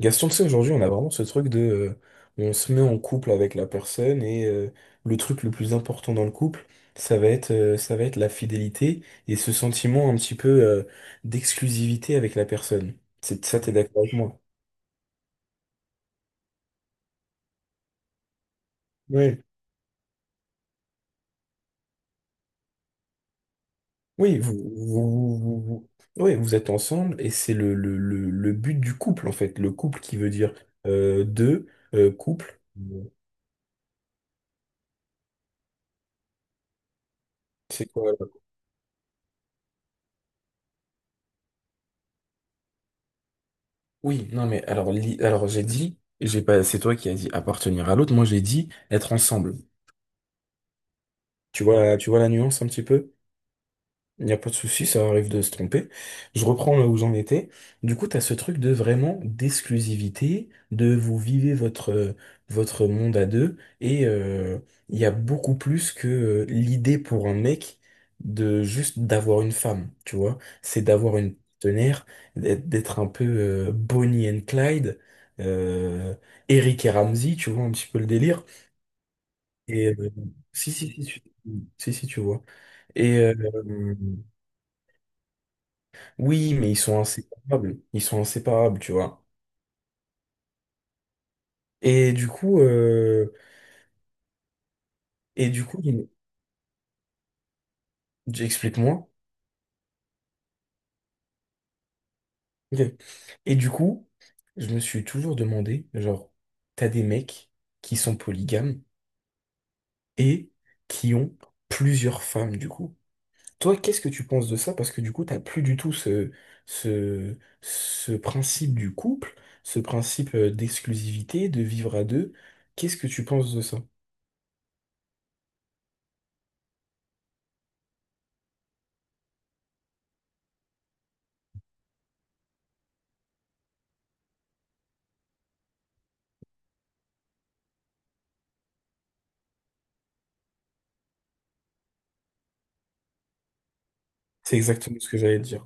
Gaston, tu sais, aujourd'hui, on a vraiment ce truc. On se met en couple avec la personne et le truc le plus important dans le couple, ça va être la fidélité et ce sentiment un petit peu d'exclusivité avec la personne. Ça, t'es d'accord avec moi? Oui. Oui, vous, vous, vous, vous- ouais, vous êtes ensemble et c'est le but du couple, en fait. Le couple qui veut dire deux, couple. C'est quoi? Oui, non, mais alors, li- alors j'ai dit, j'ai pas, c'est toi qui as dit appartenir à l'autre. Moi, j'ai dit être ensemble. Tu vois la nuance un petit peu? Il n'y a pas de souci, ça arrive de se tromper. Je reprends là où j'en étais. Du coup, tu as ce truc de vraiment d'exclusivité, de vous vivez votre monde à deux, et il y a beaucoup plus que l'idée pour un mec de juste d'avoir une femme, tu vois. C'est d'avoir une partenaire, d'être d'être un peu Bonnie and Clyde, euh, Eric et Ramsey, tu vois, un petit peu le délire. Et si, si, si, tu- si, si, si, tu vois. Et, euh, Oui, mais ils sont inséparables. Ils sont inséparables, tu vois. Et du coup, euh, et du coup, j'explique-moi. Ok. Et du coup, je me suis toujours demandé, genre, t'as des mecs qui sont polygames et qui ont plusieurs femmes, du coup. Toi, qu'est-ce que tu penses de ça? Parce que du coup, t'as plus du tout ce principe du couple, ce principe d'exclusivité, de vivre à deux. Qu'est-ce que tu penses de ça? C'est exactement ce que j'allais te dire.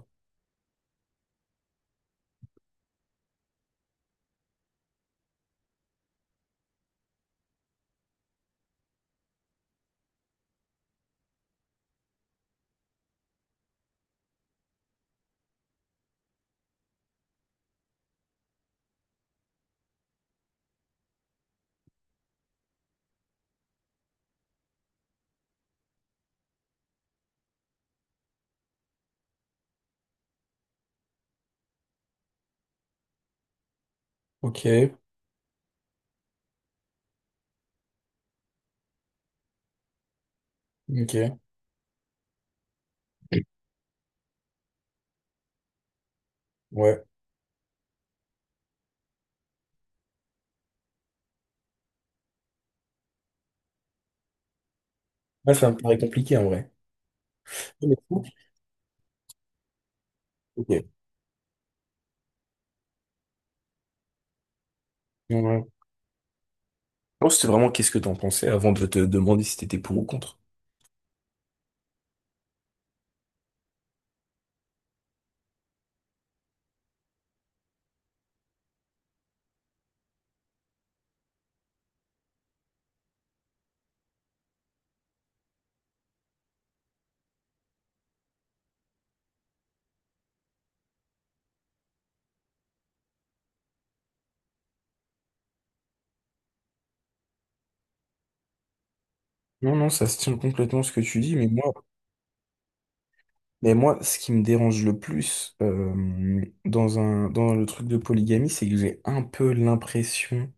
Ok, ok. Ouais. Là, ça me paraît compliqué en vrai. Mais fou. Ok. Ouais. Non, c'était vraiment qu'est-ce que t'en pensais avant de te demander si t'étais pour ou contre. Non, non, ça se tient complètement ce que tu dis, mais moi, ce qui me dérange le plus dans le truc de polygamie, c'est que j'ai un peu l'impression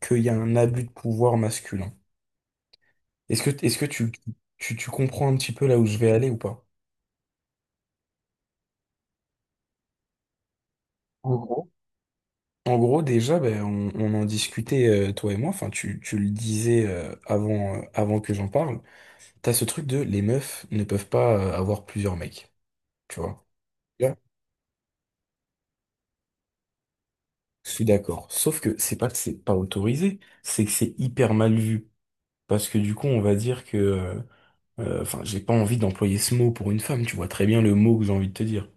qu'il y a un abus de pouvoir masculin. Est-ce que tu comprends un petit peu là où je vais aller ou pas? En gros, en gros, déjà, ben, on en discutait, toi et moi, enfin, tu le disais avant que j'en parle. T'as ce truc de les meufs ne peuvent pas avoir plusieurs mecs, tu vois. Là, je suis d'accord. Sauf que c'est pas autorisé, c'est que c'est hyper mal vu. Parce que du coup, on va dire que... j'ai pas envie d'employer ce mot pour une femme, tu vois très bien le mot que j'ai envie de te dire.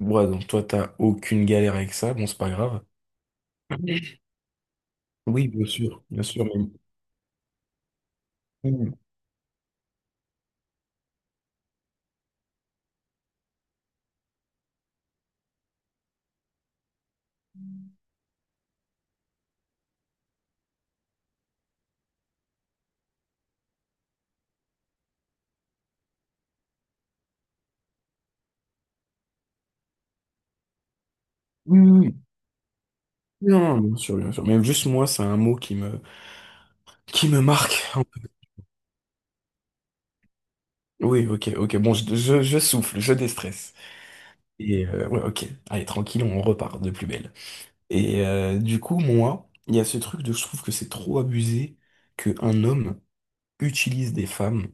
Ouais, donc toi, t'as aucune galère avec ça, bon, c'est pas grave. Oui, bien sûr, mais... Oui, oui, oui. Non, bien sûr, bien sûr. Mais juste moi, c'est un mot qui me marque un peu. Oui, ok, ok. Bon, je souffle, je déstresse. Et ouais, ok, allez, tranquille, on repart de plus belle. Et du coup, moi, il y a ce truc de je trouve que c'est trop abusé qu'un homme utilise des femmes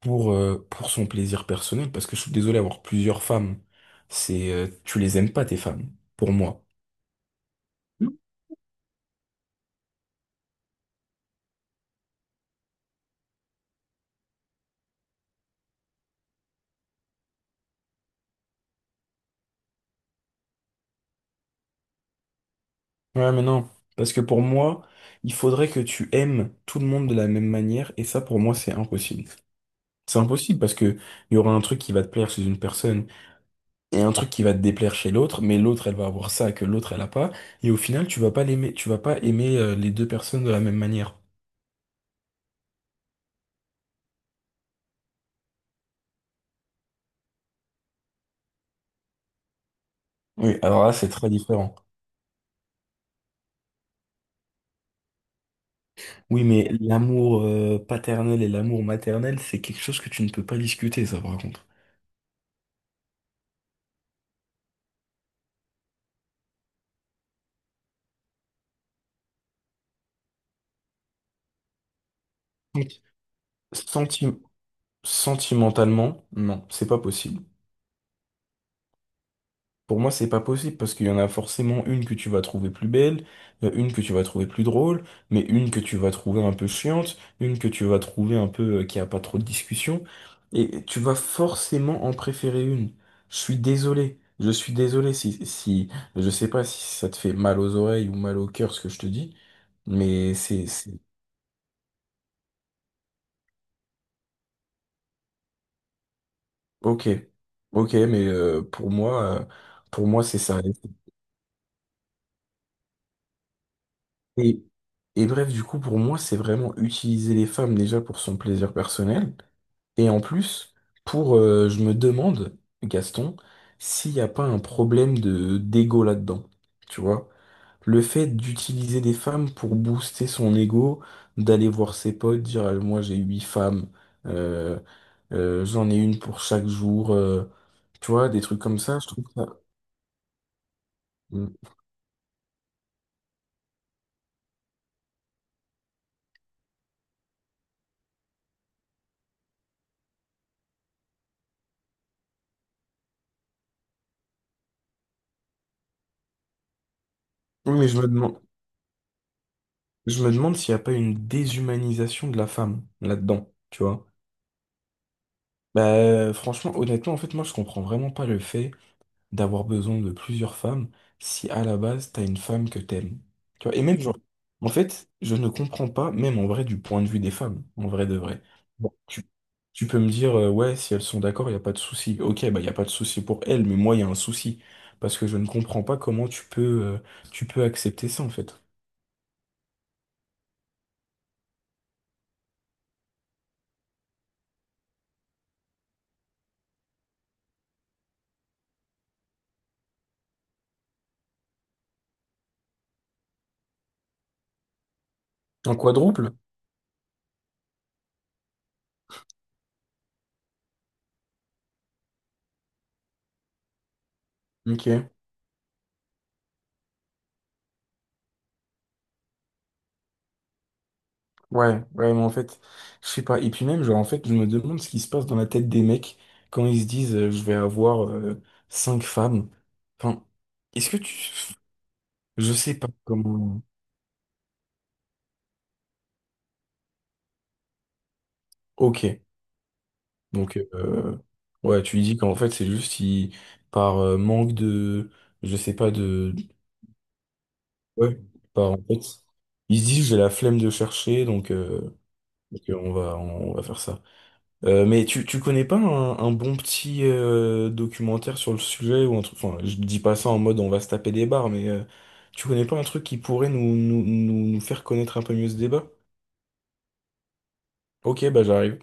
pour son plaisir personnel, parce que je suis désolé, avoir plusieurs femmes, c'est tu les aimes pas, tes femmes, pour moi. Non. Ouais, mais non, parce que pour moi, il faudrait que tu aimes tout le monde de la même manière, et ça, pour moi, c'est impossible. C'est impossible parce que il y aura un truc qui va te plaire chez une personne, et un truc qui va te déplaire chez l'autre, mais l'autre, elle va avoir ça que l'autre, elle a pas. Et au final, tu vas pas l'aimer, tu vas pas aimer les deux personnes de la même manière. Oui, alors là, c'est très différent. Oui, mais l'amour paternel et l'amour maternel, c'est quelque chose que tu ne peux pas discuter, ça, par contre. Donc, senti- sentimentalement, non, c'est pas possible. Pour moi, c'est pas possible parce qu'il y en a forcément une que tu vas trouver plus belle, une que tu vas trouver plus drôle, mais une que tu vas trouver un peu chiante, une que tu vas trouver un peu qui a pas trop de discussion, et tu vas forcément en préférer une. Je suis désolé si, si, je sais pas si ça te fait mal aux oreilles ou mal au cœur ce que je te dis, mais c'est, c'est, ok, ok, mais pour moi c'est ça. Et, Et bref, du coup, pour moi, c'est vraiment utiliser les femmes déjà pour son plaisir personnel. Et en plus, je me demande, Gaston, s'il n'y a pas un problème de d'ego là-dedans. Tu vois? Le fait d'utiliser des femmes pour booster son ego, d'aller voir ses potes, dire, ah, moi j'ai huit femmes, euh, j'en ai une pour chaque jour, tu vois, des trucs comme ça, je trouve ça. Mm. Oui. Mais je me demande s'il n'y a pas une déshumanisation de la femme là-dedans, tu vois. Bah, franchement, honnêtement, en fait, moi, je comprends vraiment pas le fait d'avoir besoin de plusieurs femmes si à la base, t'as une femme que t'aimes. Tu vois, et même, genre, en fait, je ne comprends pas, même en vrai, du point de vue des femmes, en vrai de vrai. Bon, tu peux me dire, ouais, si elles sont d'accord, il n'y a pas de souci. Ok, bah, il n'y a pas de souci pour elles, mais moi, il y a un souci. Parce que je ne comprends pas comment tu peux accepter ça, en fait. Un quadruple? Ok. Ouais, ouais, mais en fait, je sais pas. Et puis même, genre, en fait, je me demande ce qui se passe dans la tête des mecs quand ils se disent je vais avoir cinq femmes. Enfin, est-ce que tu. Je sais pas comment. Ok. Donc, ouais, tu dis qu'en fait, c'est juste par manque de. Je sais pas de. Ouais, par en fait. Ils se disent j'ai la flemme de chercher, donc on va faire ça. Mais tu connais pas un bon petit documentaire sur le sujet ou un truc, enfin je dis pas ça en mode on va se taper des barres, tu connais pas un truc qui pourrait nous faire connaître un peu mieux ce débat? Ok, bah j'arrive.